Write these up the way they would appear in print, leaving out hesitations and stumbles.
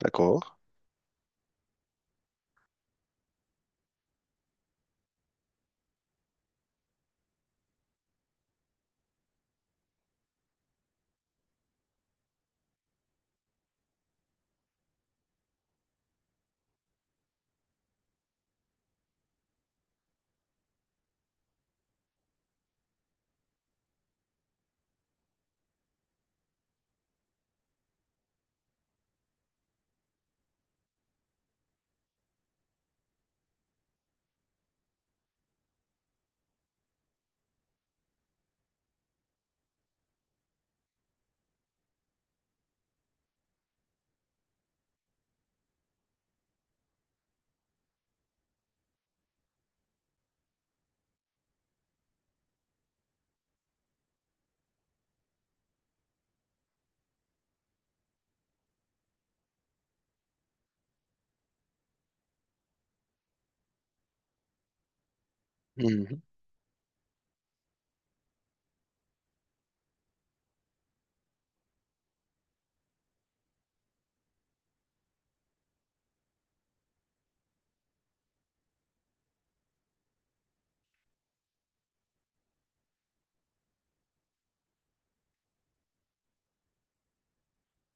D'accord. Mhm.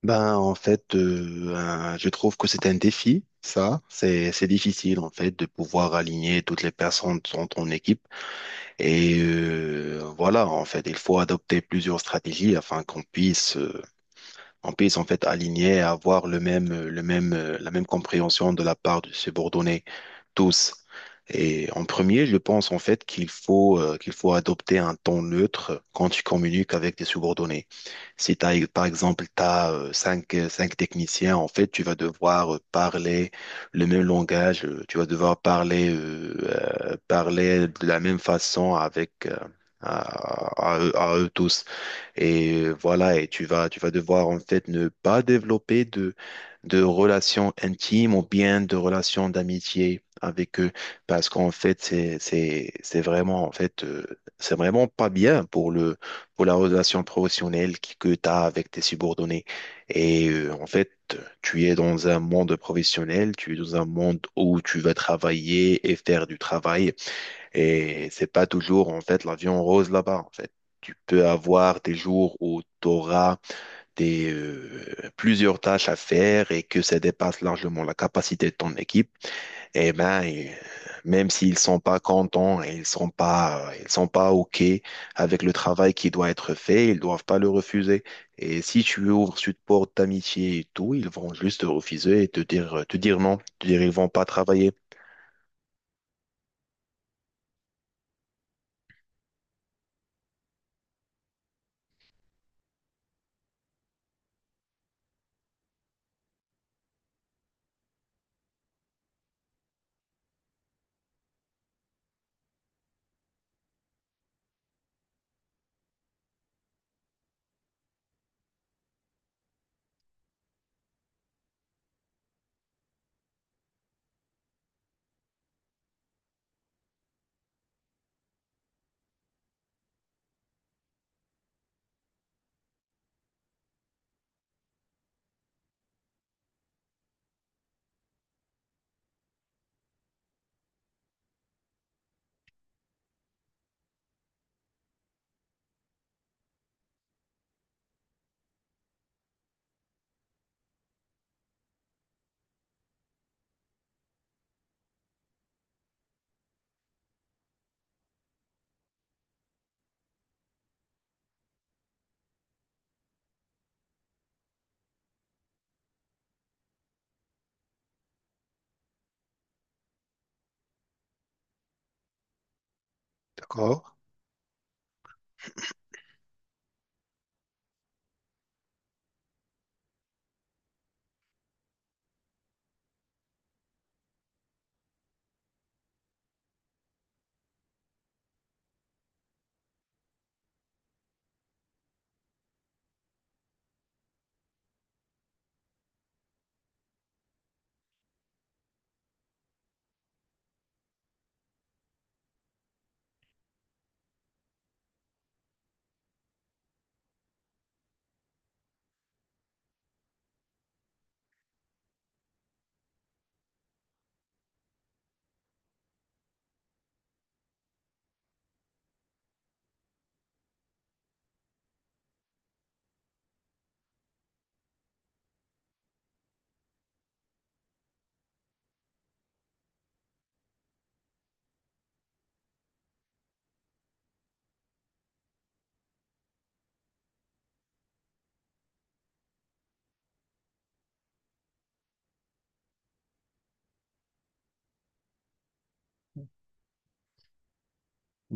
Je trouve que c'est un défi, ça. C'est difficile, en fait, de pouvoir aligner toutes les personnes dans ton équipe. Et voilà, en fait, il faut adopter plusieurs stratégies afin qu'on puisse on puisse en fait aligner et avoir le même, la même compréhension de la part de subordonnés, tous. Et en premier, je pense en fait qu'il faut adopter un ton neutre quand tu communiques avec tes subordonnés. Si tu as cinq, cinq techniciens, en fait, tu vas devoir parler le même langage, tu vas devoir parler, parler de la même façon avec, à eux tous. Et voilà, et tu vas devoir en fait ne pas développer de relations intimes ou bien de relations d'amitié avec eux parce qu'en fait, c'est vraiment, en fait, c'est vraiment pas bien pour le, pour la relation professionnelle que tu as avec tes subordonnés. Et tu es dans un monde professionnel, tu es dans un monde où tu vas travailler et faire du travail et c'est pas toujours, en fait, l'avion rose là-bas, en fait. Tu peux avoir des jours où tu auras des, plusieurs tâches à faire et que ça dépasse largement la capacité de ton équipe. Et ben, et, euh, Même s'ils sont pas contents et ils sont pas OK avec le travail qui doit être fait, ils doivent pas le refuser. Et si tu ouvres cette porte d'amitié et tout, ils vont juste te refuser et te dire non, te dire ils vont pas travailler. D'accord?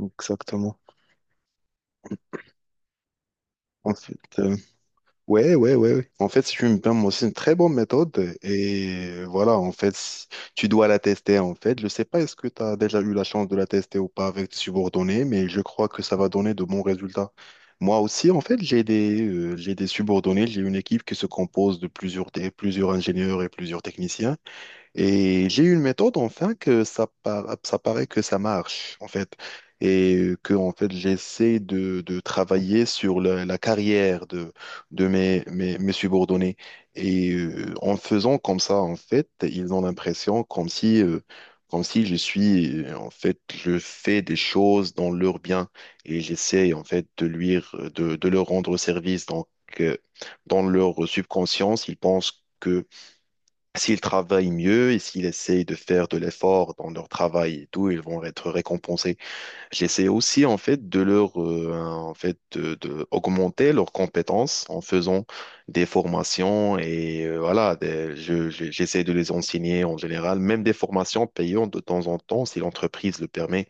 Exactement. Ensuite, ouais, ouais, ouais, ouais. En fait, si tu me permets, c'est une très bonne méthode. Et voilà, en fait, tu dois la tester, en fait. Je sais pas est-ce que tu as déjà eu la chance de la tester ou pas avec tes subordonnés, mais je crois que ça va donner de bons résultats. Moi aussi, en fait, j'ai des subordonnés, j'ai une équipe qui se compose de plusieurs, plusieurs ingénieurs et plusieurs techniciens. Et j'ai une méthode, enfin, que ça, ça paraît que ça marche, en fait. Et que, en fait, j'essaie de travailler sur la, la carrière de mes, mes subordonnés. Et en faisant comme ça, en fait, ils ont l'impression comme si je suis, en fait, je fais des choses dans leur bien. Et j'essaie, en fait, de leur rendre service. Donc, euh, dans leur subconscience, ils pensent que s'ils travaillent mieux et s'ils essayent de faire de l'effort dans leur travail et tout, ils vont être récompensés. J'essaie aussi en fait de leur de augmenter leurs compétences en faisant des formations et voilà, j'essaie de les enseigner en général, même des formations payantes de temps en temps si l'entreprise le permet.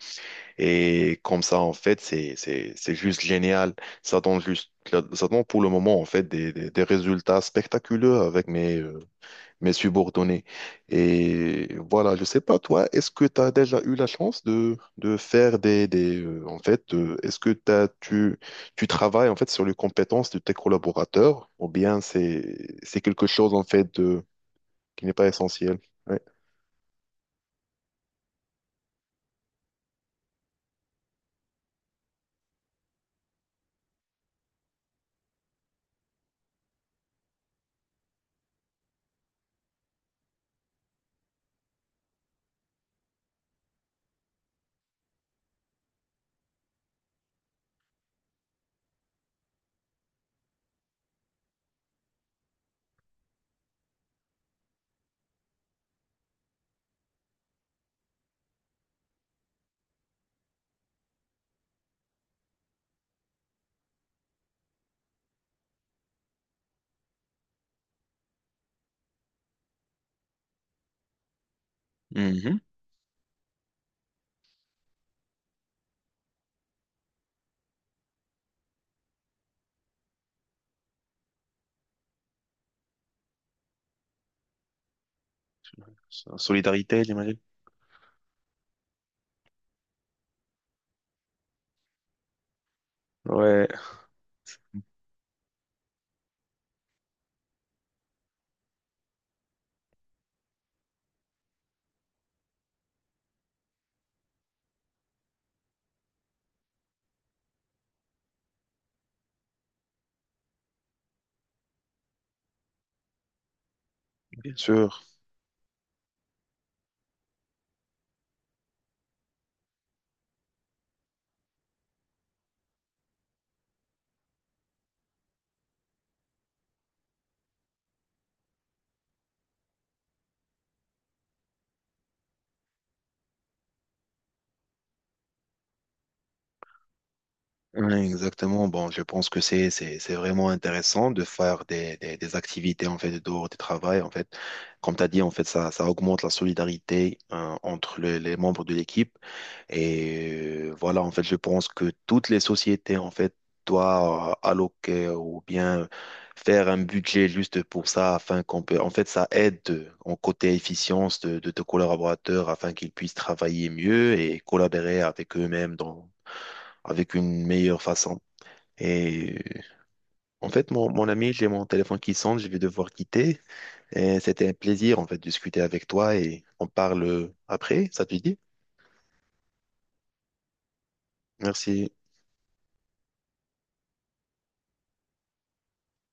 Et comme ça en fait, c'est juste génial. Ça donne juste ça donne pour le moment en fait des résultats spectaculaires avec mes mes subordonnés. Et voilà, je sais pas, toi, est-ce que tu as déjà eu la chance de faire est-ce que tu travailles en fait sur les compétences de tes collaborateurs ou bien c'est quelque chose en fait de qui n'est pas essentiel. Ouais. Mhm. Solidarité, j'imagine. Ouais, bien sûr. Ouais, exactement. Bon, je pense que c'est vraiment intéressant de faire des activités en fait dehors du travail en fait. Comme tu as dit en fait ça augmente la solidarité entre les membres de l'équipe et voilà en fait je pense que toutes les sociétés en fait doivent alloquer ou bien faire un budget juste pour ça afin qu'on peut en fait ça aide en côté efficience de tes collaborateurs afin qu'ils puissent travailler mieux et collaborer avec eux-mêmes dans avec une meilleure façon. Et mon, mon ami, j'ai mon téléphone qui sonne, je vais devoir quitter. Et c'était un plaisir, en fait, de discuter avec toi et on parle après, ça te dit? Merci.